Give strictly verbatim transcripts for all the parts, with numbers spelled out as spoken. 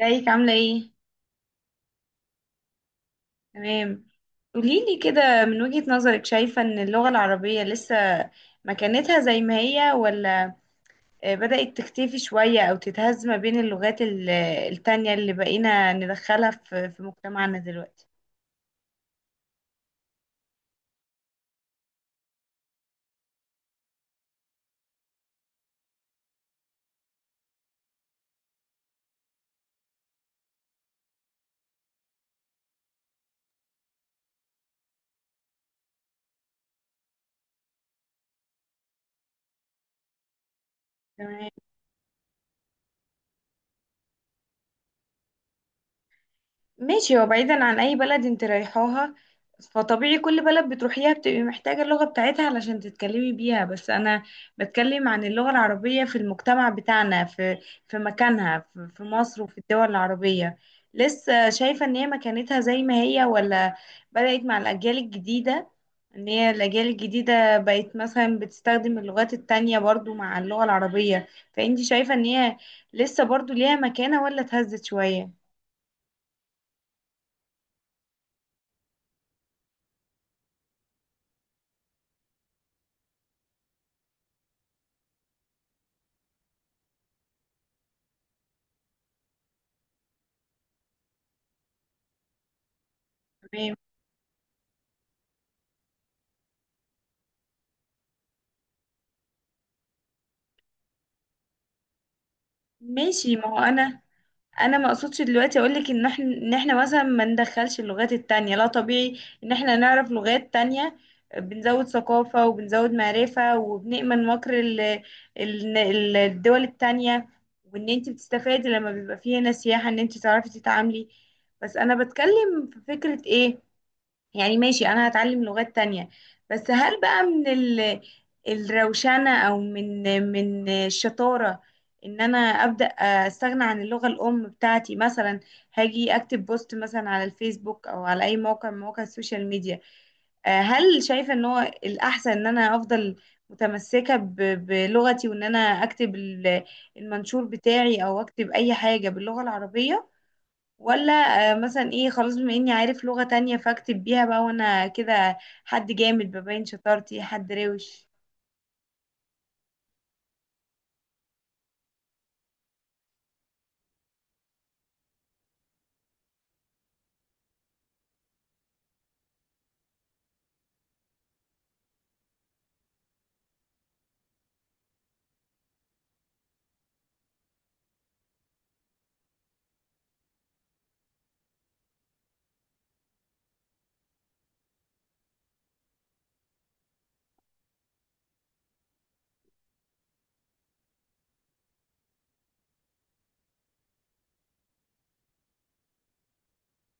ازيك عاملة ايه؟ تمام. قوليلي كده من وجهة نظرك، شايفة ان اللغة العربية لسه مكانتها زي ما هي، ولا آه، بدأت تختفي شوية او تتهز ما بين اللغات ال- التانية اللي بقينا ندخلها في في مجتمعنا دلوقتي؟ تمام. ماشي، هو بعيدا عن اي بلد انت رايحاها فطبيعي كل بلد بتروحيها بتبقي محتاجة اللغة بتاعتها علشان تتكلمي بيها. بس انا بتكلم عن اللغة العربية في المجتمع بتاعنا، في في مكانها، في في مصر وفي الدول العربية. لسه شايفة ان هي مكانتها زي ما هي ولا بدأت مع الاجيال الجديدة؟ ان هي الاجيال الجديدة بقت مثلا بتستخدم اللغات التانية برضو مع اللغة العربية، فانت شايفة ان هي لسه برضو ليها مكانة ولا اتهزت شوية؟ ماشي. ما هو انا انا ما اقصدش دلوقتي اقول لك ان احنا ان احنا مثلا ما ندخلش اللغات التانية، لا، طبيعي ان احنا نعرف لغات تانية. بنزود ثقافة، وبنزود معرفة، وبنأمن مكر ال ال ال- الدول التانية، وان انت بتستفادي لما بيبقى فيه هنا سياحة، ان انت تعرفي تتعاملي. بس انا بتكلم في فكرة ايه. يعني، ماشي، انا هتعلم لغات تانية، بس هل بقى من ال... الروشنة او من من الشطارة ان انا ابدا استغنى عن اللغة الام بتاعتي، مثلا، هاجي اكتب بوست مثلا على الفيسبوك او على اي موقع من مواقع السوشيال ميديا. آه، هل شايفة ان هو الاحسن ان انا افضل متمسكة ب... بلغتي، وان انا اكتب ال- المنشور بتاعي او اكتب اي حاجة باللغة العربية، ولا آه، مثلا ايه، خلاص بما اني عارف لغة تانية فاكتب بيها بقى وانا كده حد جامد ببين شطارتي، حد روش؟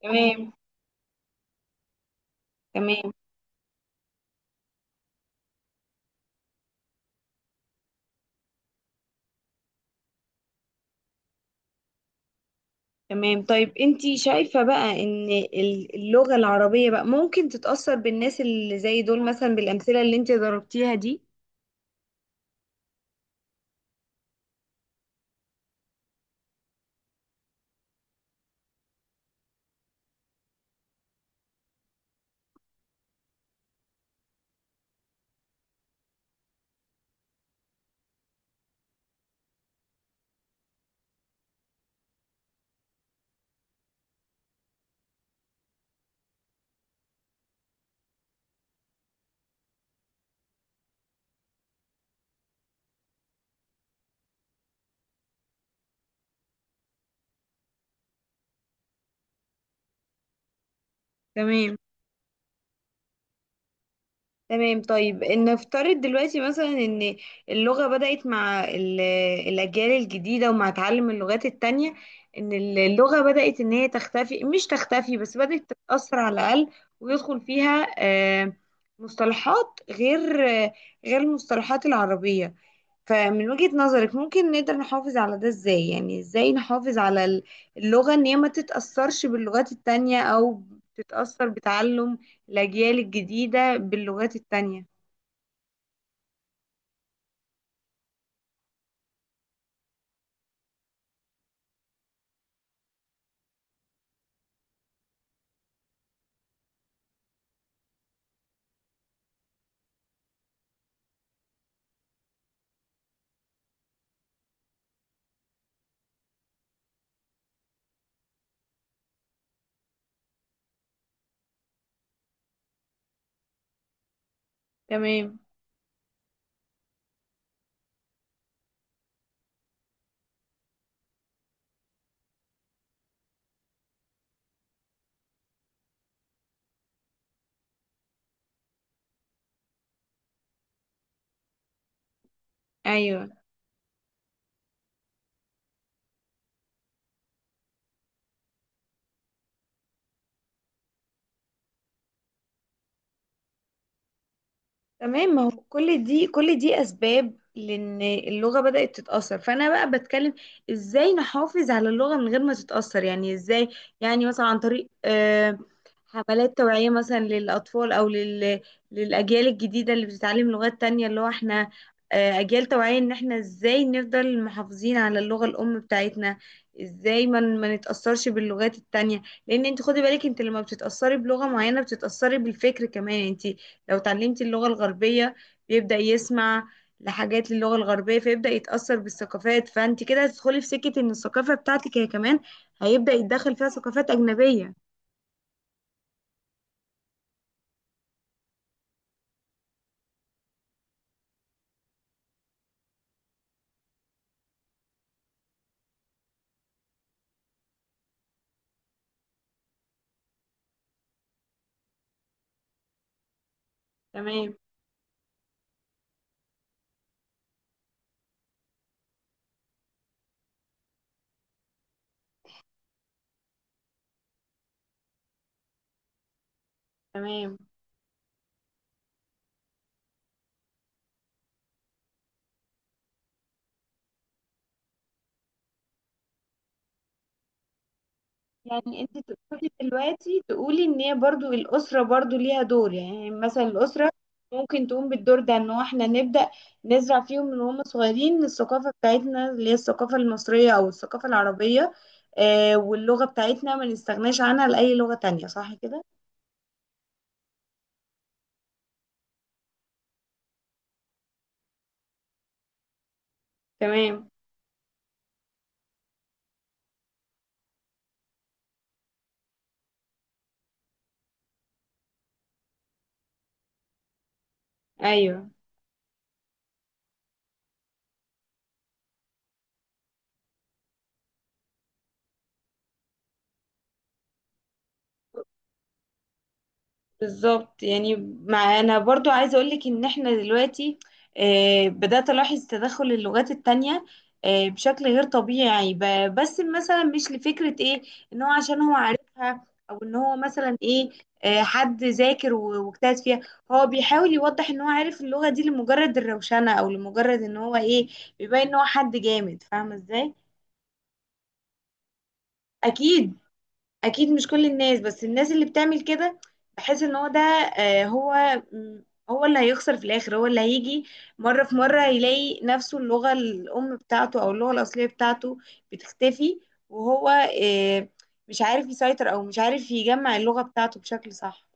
تمام، تمام، تمام. طيب انتي شايفة بقى ان ال- اللغة العربية بقى ممكن تتأثر بالناس اللي زي دول، مثلا بالأمثلة اللي انتي ضربتيها دي؟ تمام، تمام. طيب نفترض دلوقتي مثلا ان اللغة بدأت مع ال- الأجيال الجديدة ومع تعلم اللغات التانية، ان اللغة بدأت ان هي تختفي، مش تختفي بس بدأت تتأثر على الأقل، ويدخل فيها آه، مصطلحات غير آه، غير المصطلحات العربية. فمن وجهة نظرك ممكن نقدر نحافظ على ده ازاي؟ يعني ازاي نحافظ على ال- اللغة ان هي ما تتأثرش باللغات التانية، او تتأثر بتعلم الأجيال الجديدة باللغات التانية؟ تمام، ايوه، تمام. ما هو كل دي كل دي اسباب لان اللغه بدات تتاثر. فانا بقى بتكلم ازاي نحافظ على اللغه من غير ما تتاثر، يعني ازاي، يعني مثلا عن طريق آه، حملات توعيه مثلا للاطفال، او لل للاجيال الجديده اللي بتتعلم لغات تانية، اللي هو احنا آه، اجيال توعيه ان احنا ازاي نفضل محافظين على اللغه الام بتاعتنا. ازاي ما ن- ما نتاثرش باللغات التانية، لان انت خدي بالك، انت لما بتتاثري بلغه معينه بتتاثري بالفكر كمان. انت لو اتعلمتي اللغة الغربية بيبدأ يسمع لحاجات للغة الغربية فيبدأ يتأثر بالثقافات، فانت كده هتدخلي في سكة ان الثقافة بتاعتك هي كمان هيبدأ يتدخل فيها ثقافات أجنبية. تمام، تمام. يعني انت تقصدي دلوقتي تقولي ان هي برضو الاسره برضو ليها دور، يعني مثلا الاسره ممكن تقوم بالدور ده، ان هو احنا نبدا نزرع فيهم من هم صغيرين الثقافه بتاعتنا اللي هي الثقافه المصريه او الثقافه العربيه، آه واللغه بتاعتنا ما نستغناش عنها لاي لغه تانية، صح كده؟ تمام، ايوه، بالظبط يعني. مع، انا برضو عايزه اقول لك ان احنا دلوقتي آه، بدات الاحظ تدخل اللغات التانية آه، بشكل غير طبيعي، ب- بس مثلا، مش لفكره ايه، ان هو عشان هو عارفها، او ان هو مثلا ايه، آه، حد ذاكر و- واجتهد فيها، هو بيحاول يوضح ان هو عارف اللغه دي لمجرد الروشنه او لمجرد ان هو ايه، بيبين ان هو حد جامد فاهمه ازاي. اكيد. اكيد مش كل الناس، بس الناس اللي بتعمل كده بحس ان هو ده. آه، هو م، هو اللي هيخسر في الاخر، هو اللي هيجي مره في مره يلاقي نفسه اللغه الام بتاعته او اللغه الاصليه بتاعته بتختفي، وهو آه، مش عارف يسيطر او مش عارف يجمع اللغه بتاعته بشكل صح.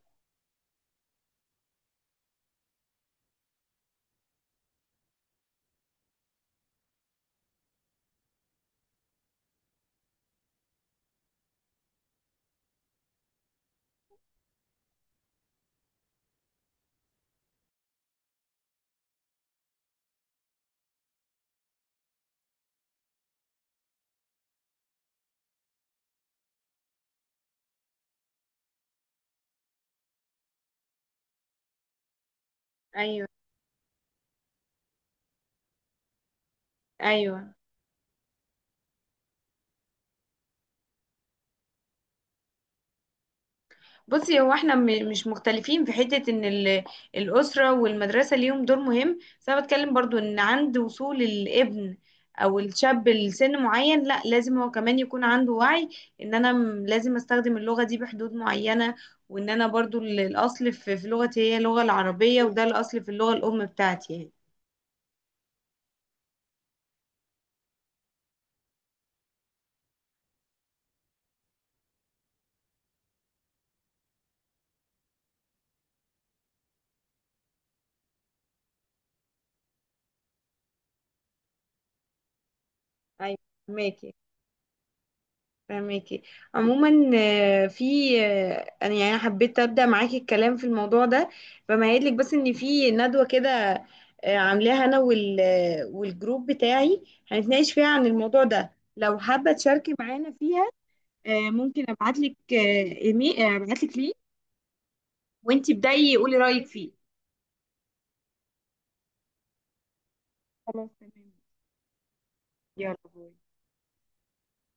ايوه، ايوه. بصي، هو احنا م- مش مختلفين في حتة ان ال- الأسرة والمدرسة ليهم دور مهم. بس انا بتكلم برضو ان عند وصول الابن او الشاب لسن معين، لا، لازم هو كمان يكون عنده وعي ان انا م- لازم استخدم اللغة دي بحدود معينة، وان انا برضو ال- الاصل في في لغتي هي اللغة العربية، وده الاصل في اللغة الام بتاعتي يعني. ايوه، ماكي، فهماكي. عموما، آه، في آه، انا يعني أنا حبيت ابدا معاكي الكلام في الموضوع ده، فمهيئ لك بس ان في ندوه كده آه، عاملاها انا وال آه، والجروب بتاعي، هنتناقش فيها عن الموضوع ده. لو حابه تشاركي معانا فيها، آه، ممكن ابعت لك ايميل، ابعت لك لينك، وانتي ابداي قولي رايك فيه. خلاص، تمام. يلا باي.